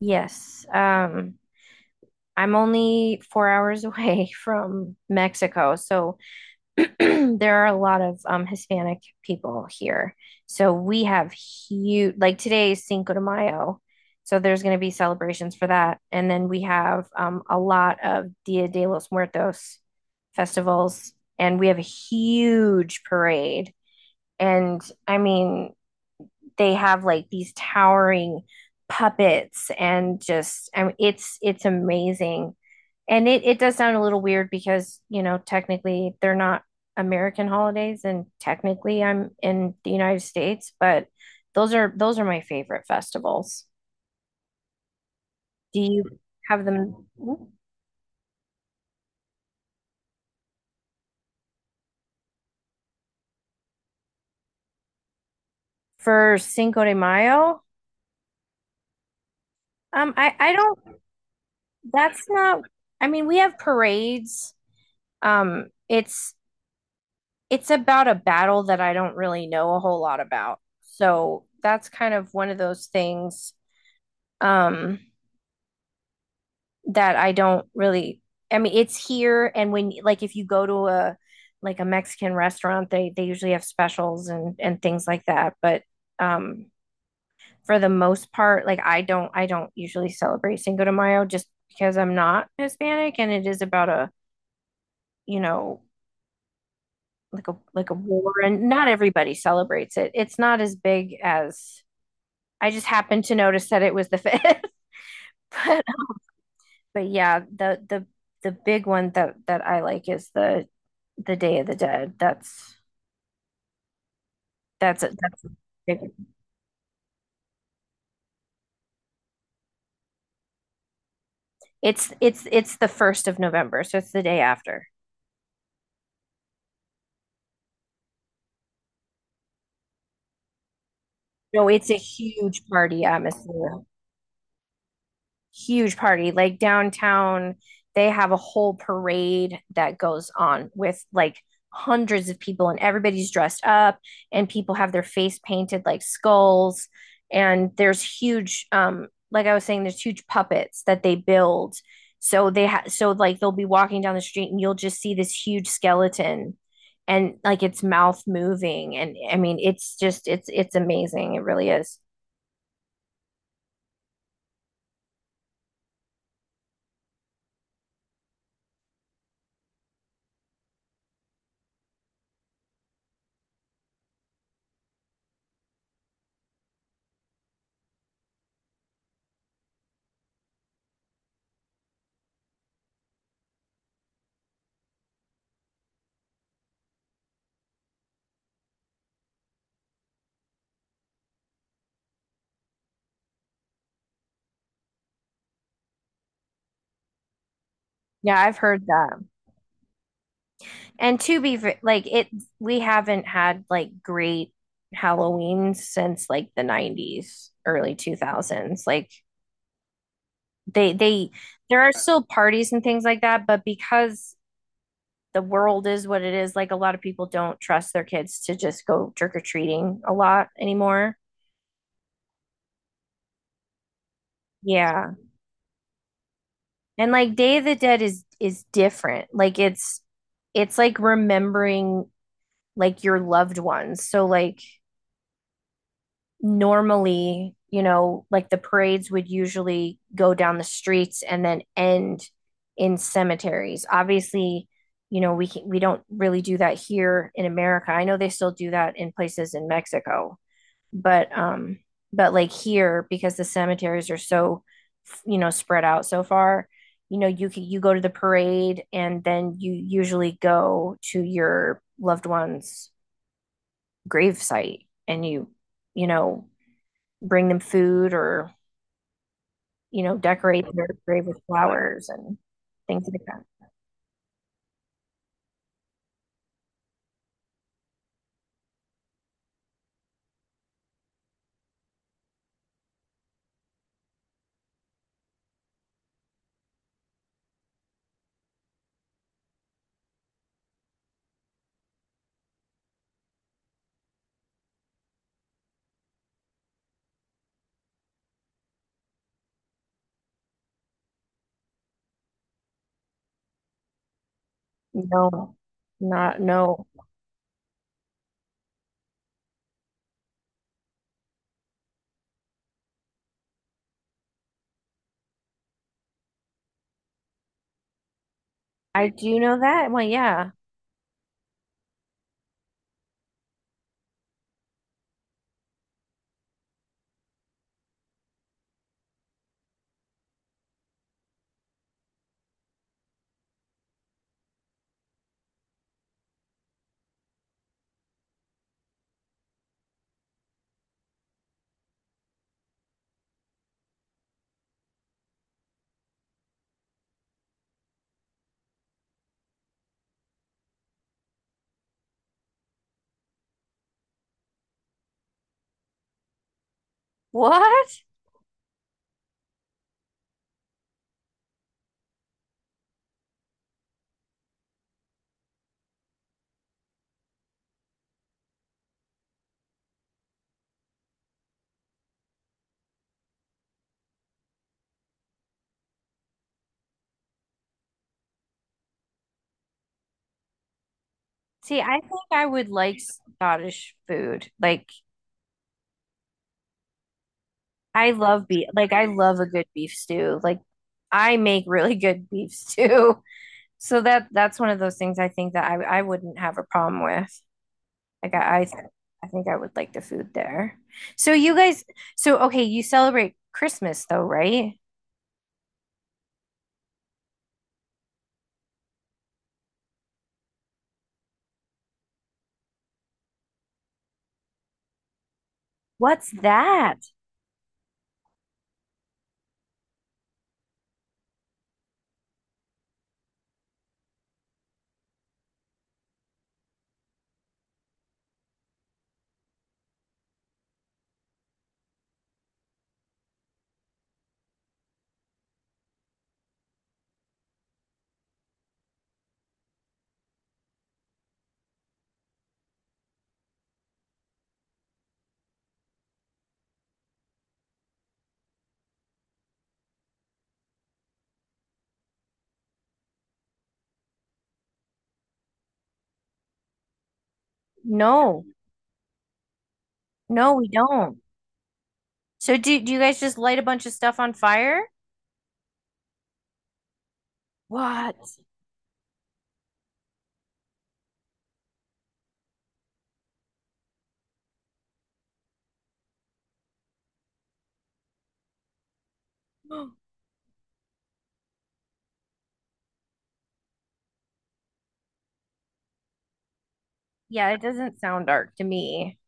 Yes. I'm only 4 hours away from Mexico, so there are a lot of Hispanic people here. So we have huge, like today is Cinco de Mayo, so there's going to be celebrations for that, and then we have a lot of Dia de los Muertos festivals, and we have a huge parade. And I mean, they have like these towering puppets and just I mean, it's amazing. And it does sound a little weird because, you know, technically they're not American holidays and technically I'm in the United States, but those are my favorite festivals. Do you have them for Cinco de Mayo? I don't. That's not. I mean, we have parades. Um, it's it's about a battle that I don't really know a whole lot about. So that's kind of one of those things um that I don't really I mean it's here and when like if you go to a like a Mexican restaurant they usually have specials and things like that but um for the most part like I don't usually celebrate Cinco de Mayo just because I'm not Hispanic and it is about a you know like a like a war and not everybody celebrates it. It's not as big as I just happened to notice that it was the fifth. but, but yeah, the big one that I like is the Day of the Dead. That's it's the 1st of November, so it's the day after. No, it's a huge party atmosphere. Huge party. Like downtown, they have a whole parade that goes on with like hundreds of people, and everybody's dressed up, and people have their face painted like skulls. And there's huge, like I was saying, there's huge puppets that they build. So like they'll be walking down the street, and you'll just see this huge skeleton. And like its mouth moving, and I mean, it's just it's amazing. It really is. Yeah, I've heard that. And to be like it, we haven't had like great Halloween since like the 90s, early 2000s. Like they there are still parties and things like that, but because the world is what it is, like a lot of people don't trust their kids to just go trick or treating a lot anymore. Yeah. And like Day of the Dead is different. Like it's like remembering like your loved ones. So like normally, you know, like the parades would usually go down the streets and then end in cemeteries. Obviously, you know, we don't really do that here in America. I know they still do that in places in Mexico, but um but like here because the cemeteries are so, you know, spread out so far, you know, you go to the parade and then you usually go to your loved one's grave site and you know bring them food or, you know, decorate their grave with flowers and things like that. No, not no. I do know that. I'm like, yeah. What? See, I think I would like Scottish food. Like I love beef. Like I love a good beef stew. Like I make really good beef stew. So that's one of those things I think that I wouldn't have a problem with. Like I I, th I think I would like the food there. So you guys, so okay, you celebrate Christmas though, right? What's that? No, no, we don't. So do you guys just light a bunch of stuff on fire? What? Yeah, it doesn't sound dark to me.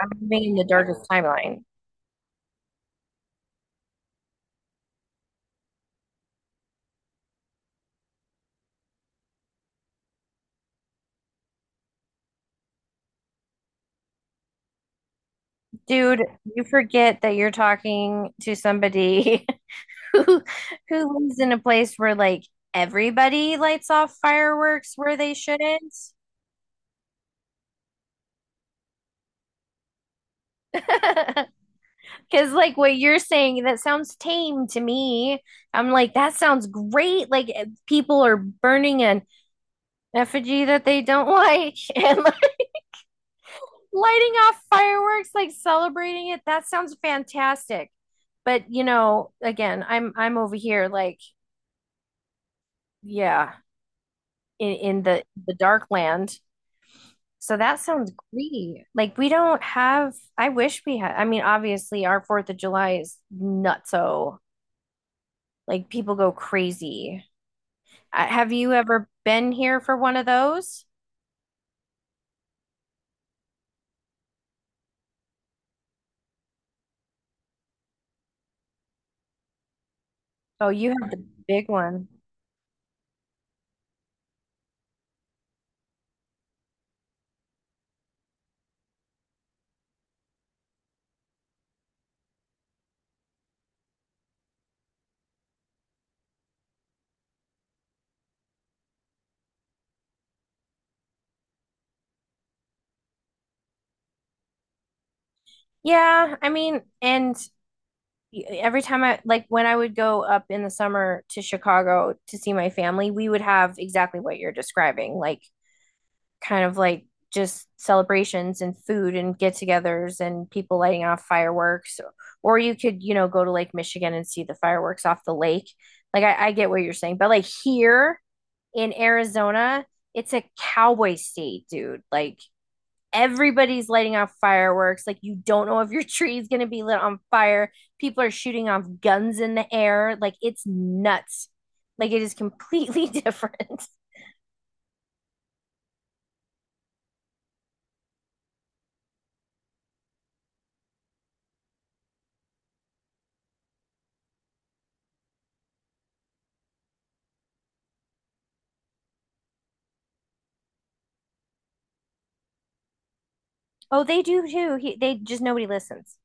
I'm living in the darkest timeline. Dude, you forget that you're talking to somebody who who lives in a place where like everybody lights off fireworks where they shouldn't? Because like what you're saying, that sounds tame to me. I'm like, that sounds great. Like eh, people are burning an effigy that they don't like and like, lighting off fireworks, like celebrating it. That sounds fantastic. But you know, again, I'm over here like, yeah, in the dark land. So that sounds great. Like we don't have, I wish we had, I mean, obviously our Fourth of July is nutso. Like people go crazy. Have you ever been here for one of those? Oh, you have the big one. Yeah, I mean, and every time I like when I would go up in the summer to Chicago to see my family, we would have exactly what you're describing. Like kind of like just celebrations and food and get-togethers and people lighting off fireworks or you could, you know, go to lake michigan and see the fireworks off the lake like I get what you're saying but like here in arizona it's a cowboy state dude like everybody's lighting off fireworks like you don't know if your tree is going to be lit on fire. People are shooting off guns in the air like it's nuts. Like it is completely different. Oh they do too they just nobody listens.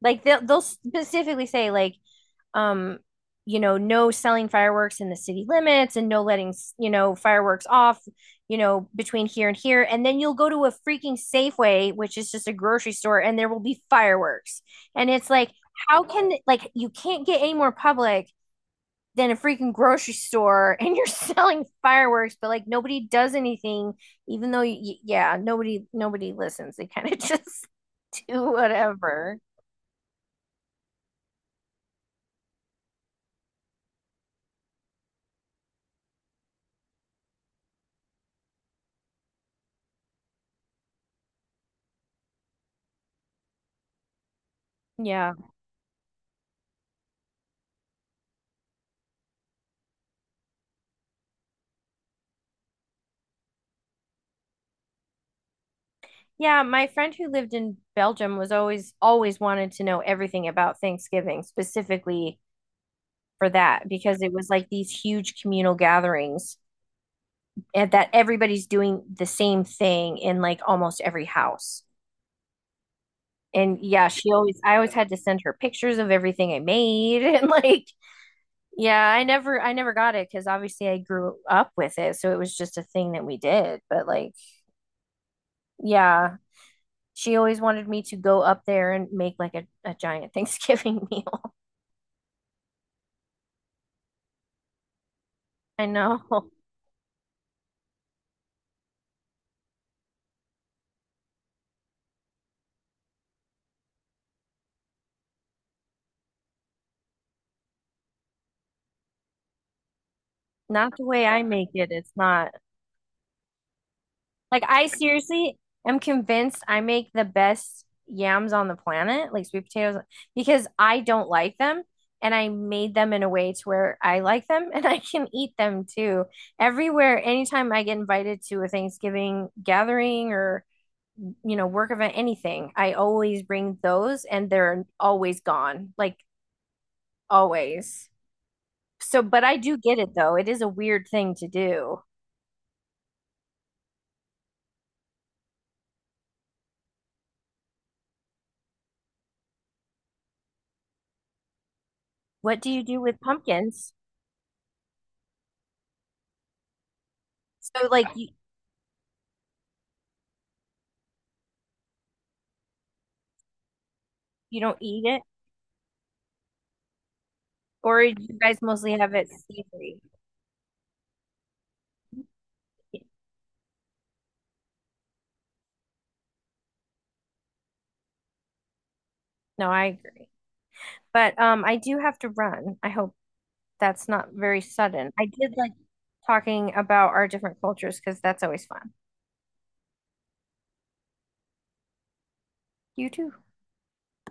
Like they'll specifically say like um you know no selling fireworks in the city limits and no letting you know fireworks off, you know, between here and here and then you'll go to a freaking Safeway which is just a grocery store and there will be fireworks and it's like how can like you can't get any more public than a freaking grocery store and you're selling fireworks but like nobody does anything even though yeah nobody listens they kind of just do whatever yeah. Yeah, my friend who lived in Belgium was always wanted to know everything about Thanksgiving, specifically for that, because it was like these huge communal gatherings and that everybody's doing the same thing in like almost every house. And yeah, she always I always had to send her pictures of everything I made and like yeah, I never got it because obviously I grew up with it, so it was just a thing that we did. But like, yeah, she always wanted me to go up there and make like a giant Thanksgiving meal. I know. Not the way I make it. It's not. Like I seriously am convinced I make the best yams on the planet, like sweet potatoes, because I don't like them and I made them in a way to where I like them and I can eat them too. Everywhere, anytime I get invited to a Thanksgiving gathering or, you know, work event, anything, I always bring those and they're always gone. Like always. So, but I do get it though. It is a weird thing to do. What do you do with pumpkins? So like you, you don't eat it or you guys mostly have it savory. No, I agree. But I do have to run. I hope that's not very sudden. I did like talking about our different cultures because that's always fun. You too.